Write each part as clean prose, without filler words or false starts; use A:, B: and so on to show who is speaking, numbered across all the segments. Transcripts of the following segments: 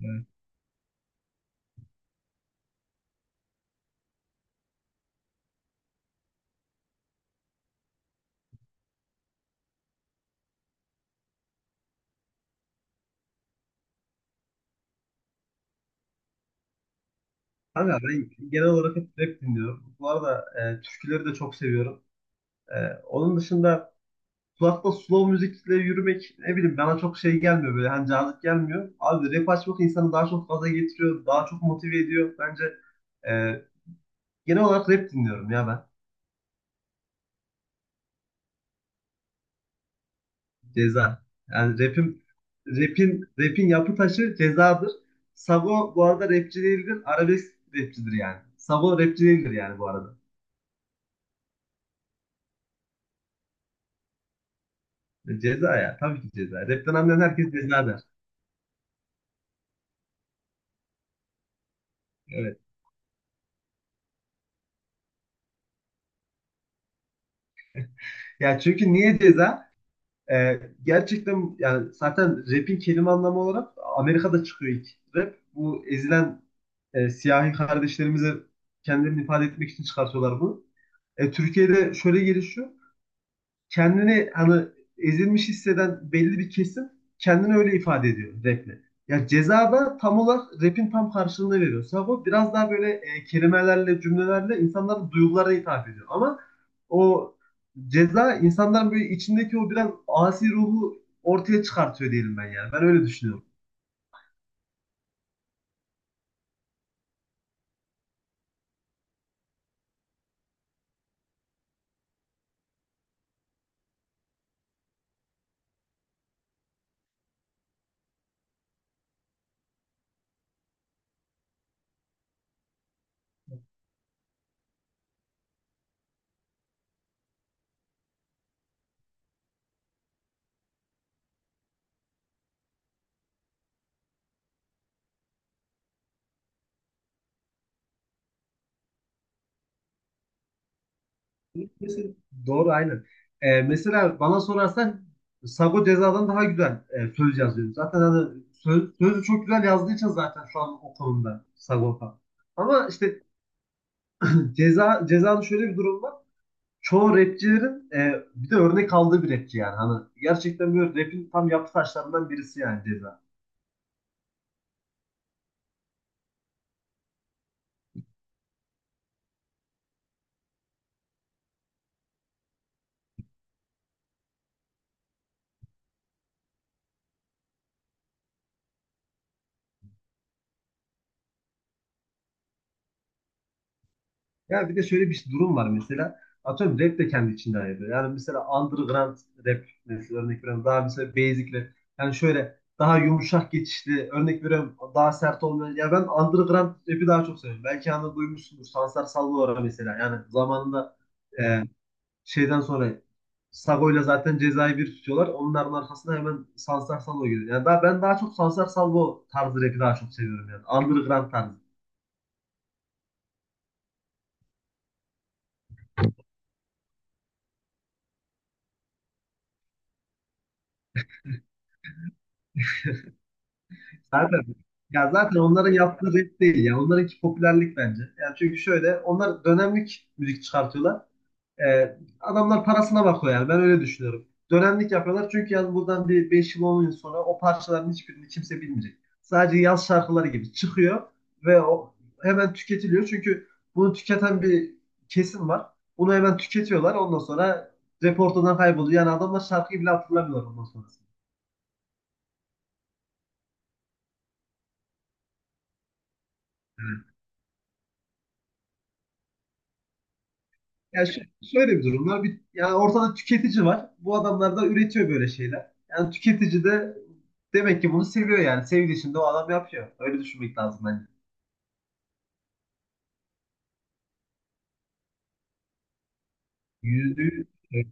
A: Evet. Kanka ben genel olarak hep rap dinliyorum. Bu arada türküleri de çok seviyorum. E, onun dışında kulakta slow müzikle yürümek ne bileyim bana çok şey gelmiyor böyle hani cazip gelmiyor. Abi rap açmak insanı daha çok gaza getiriyor, daha çok motive ediyor. Bence e, genel olarak rap dinliyorum ya ben. Ceza. Yani rapin yapı taşı cezadır. Sabo bu arada rapçi değildir, arabesk rapçidir yani. Sabo rapçi değildir yani bu arada. Ceza ya. Tabii ki ceza. Rapten anlayan herkes ceza der. Evet. Ya çünkü niye ceza? Ee, gerçekten yani zaten rap'in kelime anlamı olarak Amerika'da çıkıyor ilk rap. Bu ezilen siyahi kardeşlerimize kendilerini ifade etmek için çıkartıyorlar bunu. Türkiye'de şöyle gelişiyor. Kendini hani ezilmiş hisseden belli bir kesim kendini öyle ifade ediyor raple. Ya ceza da tam olarak rapin tam karşılığını veriyor. Sabo biraz daha böyle kelimelerle, cümlelerle insanların duygularına hitap ediyor. Ama o ceza insanların böyle içindeki o biraz asi ruhu ortaya çıkartıyor diyelim ben yani. Ben öyle düşünüyorum. Mesela- Doğru aynen. Mesela bana sorarsan Sago Ceza'dan daha güzel söz yazıyor. Zaten hani sözü çok güzel yazdığı için zaten şu an o konumda Sagopa. Ama işte Ceza'nın şöyle bir durum var. Çoğu rapçilerin bir de örnek aldığı bir rapçi yani. Hani gerçekten böyle rapin tam yapı taşlarından birisi yani Ceza. Ya bir de şöyle bir durum var mesela. Atıyorum rap de kendi içinde ayrılıyor. Yani mesela underground rap mesela örnek veriyorum. Daha mesela basic rap. Yani şöyle daha yumuşak geçişli örnek veriyorum. Daha sert olmayan. Ya ben underground rap'i daha çok seviyorum. Belki anda duymuşsundur. Sansar Salvatore mesela. Yani zamanında e, şeyden sonra Sago'yla zaten cezayı bir tutuyorlar. Onların arkasına hemen Sansar Salvo geliyor. Yani daha, ben daha çok Sansar Salvo tarzı rap'i daha çok seviyorum yani. Underground tarzı. Zaten ya zaten onların yaptığı rap değil ya. Onlarınki popülerlik bence. Yani çünkü şöyle onlar dönemlik müzik çıkartıyorlar. Adamlar parasına bakıyor yani ben öyle düşünüyorum. Dönemlik yapıyorlar çünkü yani buradan bir 5 yıl 10 yıl sonra o parçaların hiçbirini kimse bilmeyecek. Sadece yaz şarkıları gibi çıkıyor ve o hemen tüketiliyor. Çünkü bunu tüketen bir kesim var. Bunu hemen tüketiyorlar. Ondan sonra rap ortadan kayboluyor. Yani adamlar şarkıyı bile hatırlamıyorlar ondan sonrasında. Ya şu- şöyle bir durum var. Bir, yani ortada tüketici var. Bu adamlar da üretiyor böyle şeyler. Yani tüketici de demek ki bunu seviyor yani. Sevdiği için de o adam yapıyor. Öyle düşünmek lazım bence. Yüzde yüz evet,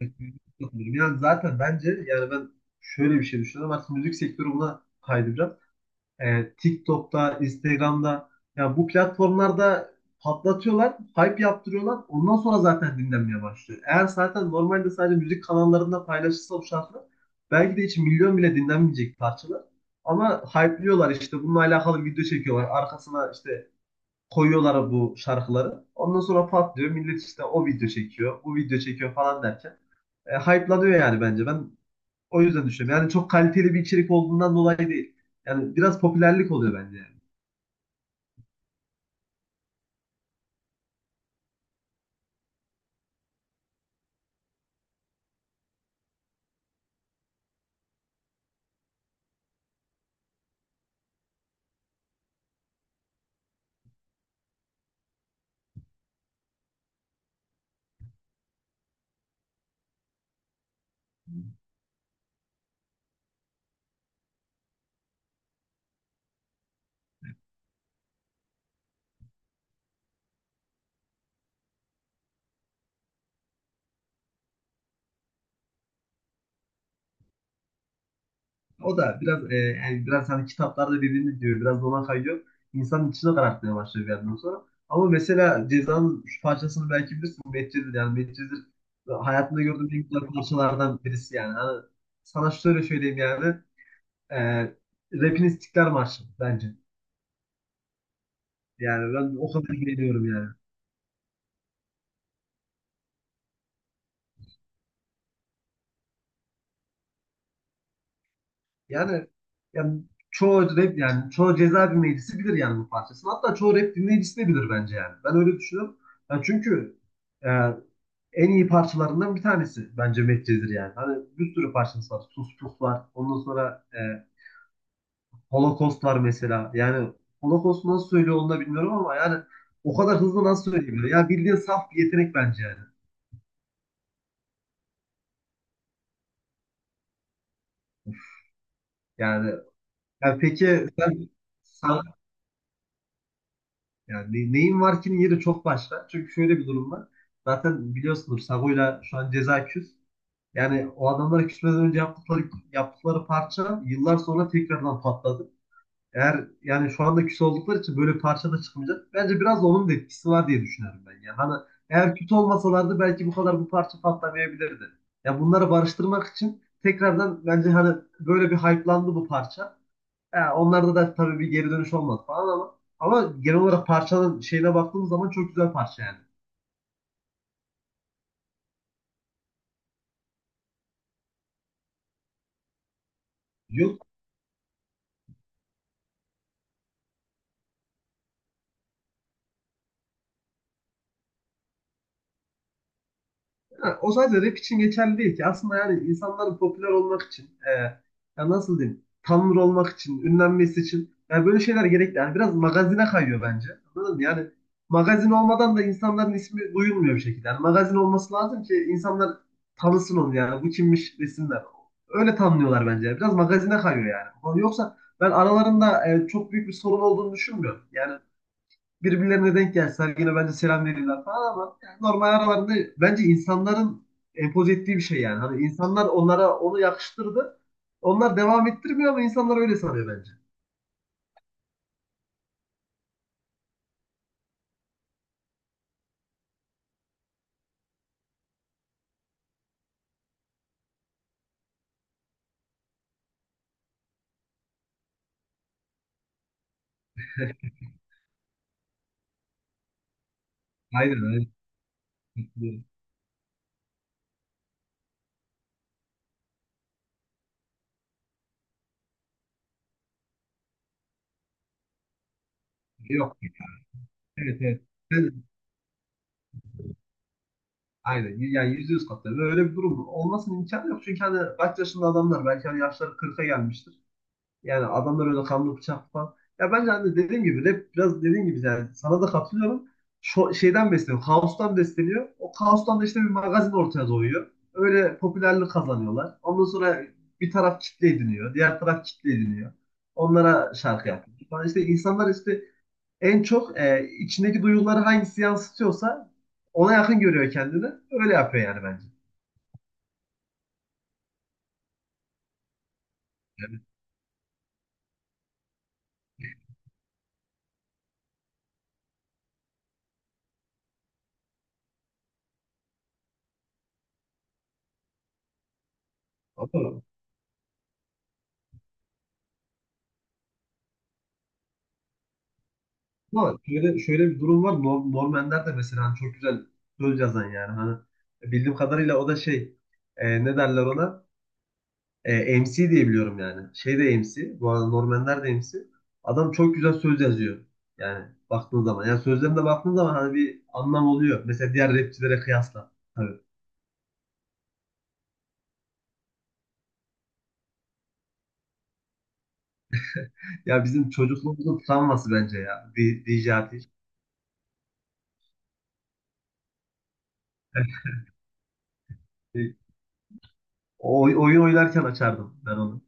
A: evet, yüzde yüz katılıyorum. Yani zaten bence yani ben şöyle bir şey düşünüyorum. Artık müzik sektörü buna kaydıracak. TikTok'ta, Instagram'da ya bu platformlarda patlatıyorlar, hype yaptırıyorlar. Ondan sonra zaten dinlenmeye başlıyor. Eğer zaten normalde sadece müzik kanallarında paylaşılsa bu şarkılar belki de hiç milyon bile dinlenmeyecek parçalar. Ama hype'lıyorlar işte bununla alakalı video çekiyorlar. Arkasına işte koyuyorlar bu şarkıları. Ondan sonra patlıyor. Millet işte o video çekiyor, bu video çekiyor falan derken hype'lanıyor yani bence. Ben o yüzden düşünüyorum. Yani çok kaliteli bir içerik olduğundan dolayı değil. Yani biraz popülerlik oluyor bence yani. O da biraz yani biraz hani kitaplarda dediğiniz diyor, biraz da ona kayıyor. İnsanın içine karartmaya başlıyor bir yerden sonra. Ama mesela Ceza'nın şu parçasını belki bilirsin. Medcezir yani Medcezir hayatımda gördüğüm en güzel parçalardan birisi yani. Hani sana şöyle söyleyeyim yani. E, Rap'in İstiklal Marşı bence. Yani ben o kadar beğeniyorum yani. Yani, yani çoğu rap yani çoğu ceza dinleyicisi bilir yani bu parçasını. Hatta çoğu rap dinleyicisi de bilir bence yani. Ben öyle düşünüyorum. Yani çünkü e, en iyi parçalarından bir tanesi bence Medcezir yani. Hani bir sürü parçası var. Sus Pus var. Ondan sonra Holocaust var mesela. Yani Holocaust nasıl söylüyor onu da bilmiyorum ama yani o kadar hızlı nasıl söyleyebilir? Ya bildiğin saf bir yetenek bence yani. Yani, yani peki sen, sen neyin var ki'nin yeri çok başka. Çünkü şöyle bir durum var. Zaten biliyorsunuz Sago'yla şu an ceza küs. Yani o adamlara küsmeden önce yaptıkları parça yıllar sonra tekrardan patladı. Eğer yani şu anda küs oldukları için böyle bir parça da çıkmayacak. Bence biraz da onun da etkisi var diye düşünüyorum ben. Yani hani eğer kötü olmasalardı belki bu kadar bu parça patlamayabilirdi. Ya bunları barıştırmak için tekrardan bence hani böyle bir hype'landı bu parça. Ya onlarda da tabii bir geri dönüş olmaz falan ama ama genel olarak parçanın şeyine baktığımız zaman çok güzel parça yani. Yok. Ha, o sadece rap için geçerli değil ki. Aslında yani insanların popüler olmak için, ya nasıl diyeyim, tanınır olmak için, ünlenmesi için yani böyle şeyler gerekli. Yani biraz magazine kayıyor bence. Anladın mı? Yani magazin olmadan da insanların ismi duyulmuyor bir şekilde. Yani magazin olması lazım ki insanlar tanısın onu yani. Bu kimmiş desinler. Öyle tanınıyorlar bence. Biraz magazine kayıyor yani. Yoksa ben aralarında çok büyük bir sorun olduğunu düşünmüyorum. Yani birbirlerine denk gelseler yine bence selam verirler falan ama yani normal aralarında bence insanların empoze ettiği bir şey yani. Hani insanlar onlara onu yakıştırdı. Onlar devam ettirmiyor ama insanlar öyle sanıyor bence. Aynen aynen. Yok. Evet, evet. Ben- Aynen. Yani yüzde yüz katılıyorum. Öyle bir durum olmasının imkanı yok. Çünkü hani kaç yaşında adamlar belki hani yaşları kırk'a gelmiştir. Yani adamlar öyle kanlı bıçak falan. Ya bence hani dediğim gibi rap biraz dediğim gibi yani sana da katılıyorum. Şeyden besleniyor. Kaostan besleniyor. O kaostan da işte bir magazin ortaya doğuyor. Öyle popülerlik kazanıyorlar. Ondan sonra bir taraf kitle ediniyor. Diğer taraf kitle ediniyor. Onlara şarkı yapıyor. Falan işte insanlar işte en çok içindeki duyguları hangisi yansıtıyorsa ona yakın görüyor kendini. Öyle yapıyor yani bence. Yani, anladın mı? Ama şöyle bir durum var. Norm Ender de mesela hani çok güzel söz yazan yani. Hani bildiğim kadarıyla o da şey ne derler ona? MC diye biliyorum yani. Şey de MC. Bu arada Norm Ender de MC. Adam çok güzel söz yazıyor. Yani baktığın zaman. Yani sözlerine baktığın zaman hani bir anlam oluyor. Mesela diğer rapçilere kıyasla. Tabii. Ya bizim çocukluğumuzun travması bence ya. DJ Ateş. E, oyun oynarken açardım ben onu.